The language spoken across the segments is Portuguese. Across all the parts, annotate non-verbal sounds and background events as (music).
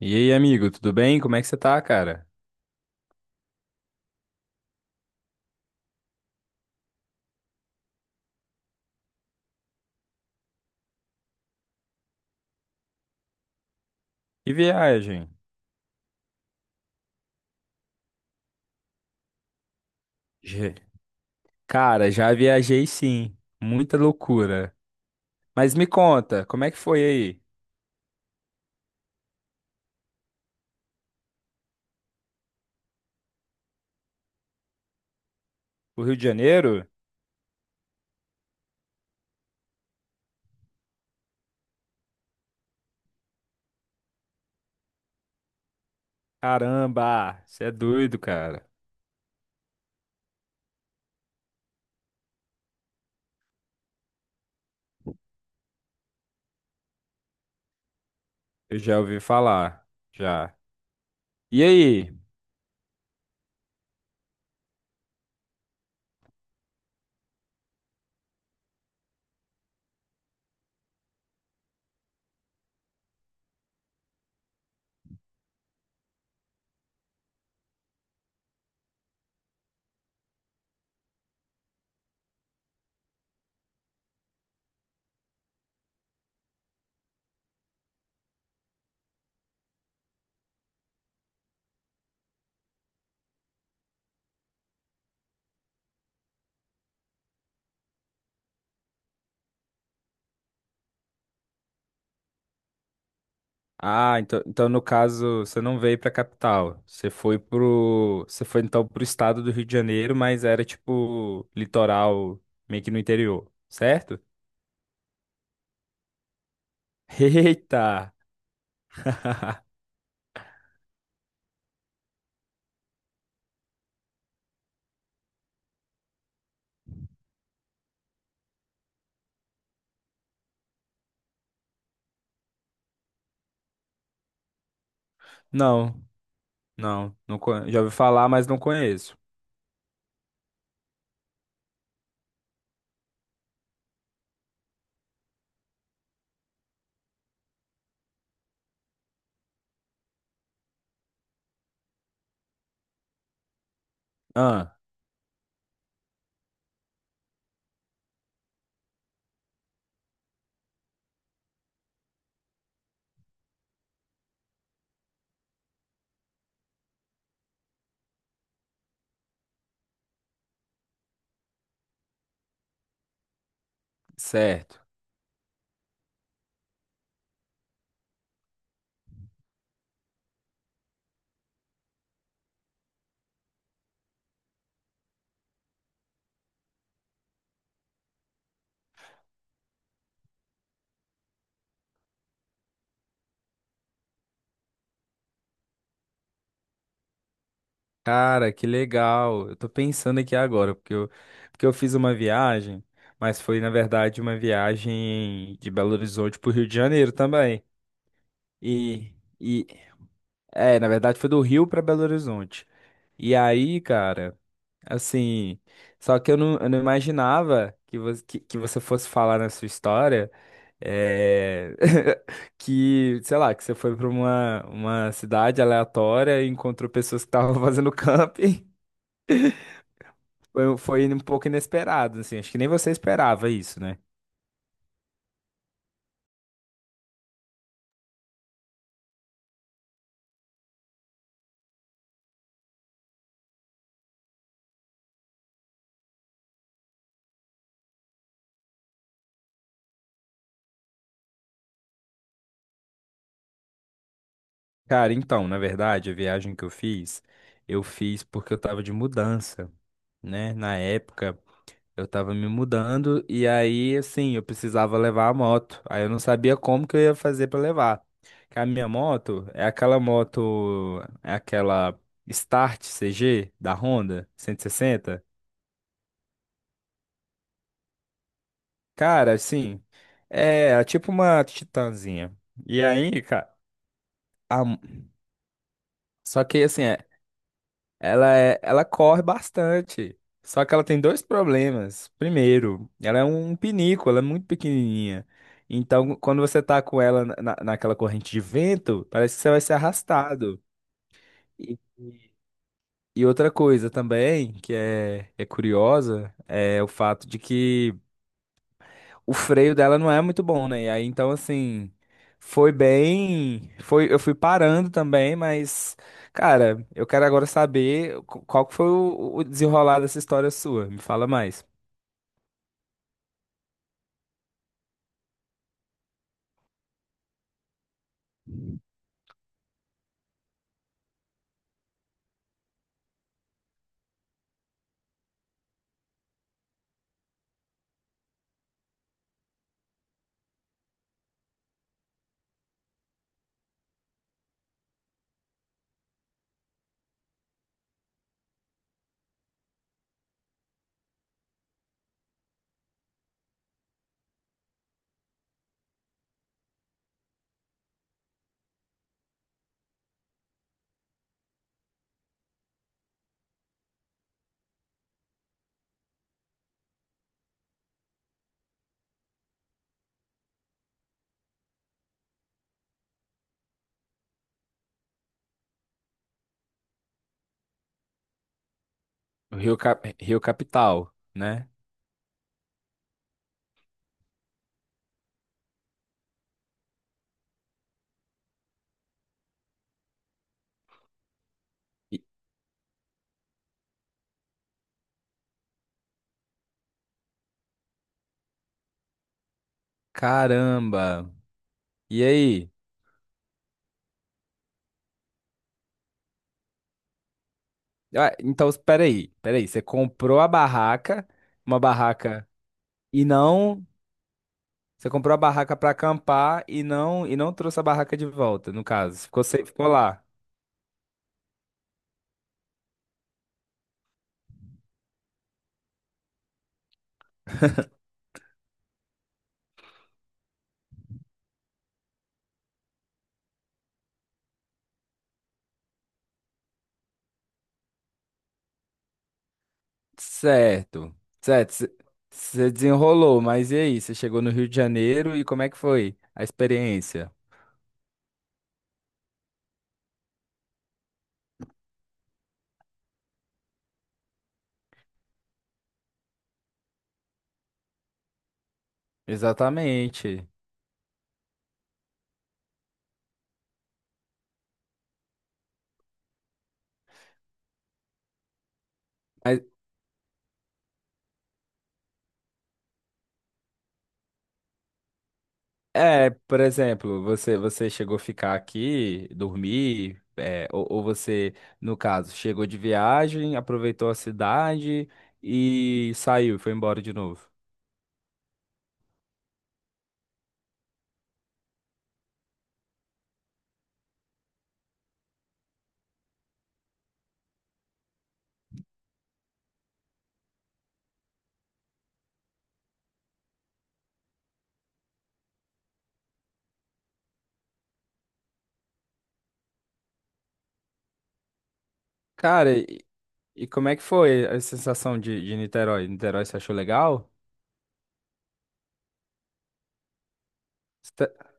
E aí, amigo, tudo bem? Como é que você tá, cara? Que viagem. Je- Cara, já viajei sim. Muita loucura. Mas me conta, como é que foi aí? O Rio de Janeiro? Caramba, você é doido, cara. Eu já ouvi falar, já. E aí? Ah, então no caso, você não veio pra capital. Você foi então pro estado do Rio de Janeiro, mas era tipo litoral, meio que no interior, certo? (laughs) Eita! (laughs) Não. Já ouvi falar, mas não conheço. Ah, certo. Cara, que legal. Eu tô pensando aqui agora, porque eu fiz uma viagem, mas foi, na verdade, uma viagem de Belo Horizonte pro Rio de Janeiro também. E, e é, na verdade, foi do Rio pra Belo Horizonte. E aí, cara, assim, só que eu não imaginava que você fosse falar na sua história. É, (laughs) que, sei lá, que você foi para uma cidade aleatória e encontrou pessoas que estavam (laughs) fazendo camping. Foi, foi um pouco inesperado, assim. Acho que nem você esperava isso, né? Cara, então, na verdade, a viagem que eu fiz porque eu tava de mudança, né? Na época. Eu tava me mudando e aí, assim, eu precisava levar a moto. Aí eu não sabia como que eu ia fazer pra levar. Que a minha moto, é aquela Start CG da Honda 160. Cara, assim, é, é tipo uma Titanzinha. E aí, cara, a- só que assim, é, ela é, ela corre bastante. Só que ela tem dois problemas. Primeiro, ela é um pinico, ela é muito pequenininha. Então, quando você tá com ela naquela corrente de vento, parece que você vai ser arrastado. E, e outra coisa também, que é, é curiosa, é o fato de que o freio dela não é muito bom, né? E aí, então, assim, foi bem. Foi, eu fui parando também, mas, cara, eu quero agora saber qual que foi o desenrolar dessa história sua. Me fala mais. O Rio, Rio Capital, né? E- caramba! E aí? Ah, então, espera aí, espera aí. Você comprou a barraca, uma barraca, e não. Você comprou a barraca pra acampar e não trouxe a barraca de volta, no caso. Ficou, ficou lá. Certo, certo. Você desenrolou, mas e aí? Você chegou no Rio de Janeiro e como é que foi a experiência? Exatamente. Mas, é, por exemplo, você chegou a ficar aqui, dormir, é, ou você, no caso, chegou de viagem, aproveitou a cidade e saiu, foi embora de novo. Cara, e como é que foi a sensação de Niterói? Niterói, você achou legal? Cê tá-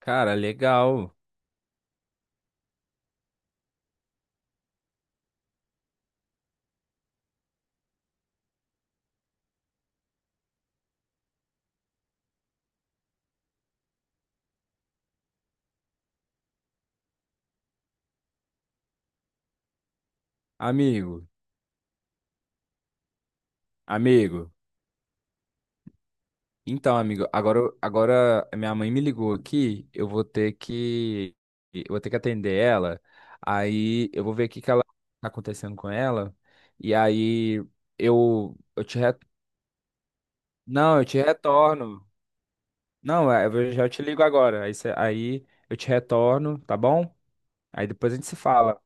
Cara, legal. Amigo, amigo. Então, amigo, agora, agora a minha mãe me ligou aqui, eu vou ter que atender ela. Aí eu vou ver o que que ela tá acontecendo com ela. E aí eu te Não, eu te retorno. Não, é, já te ligo agora. Aí, aí eu te retorno, tá bom? Aí depois a gente se fala.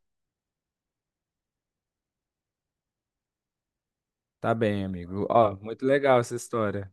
Tá bem, amigo. Ó, muito legal essa história.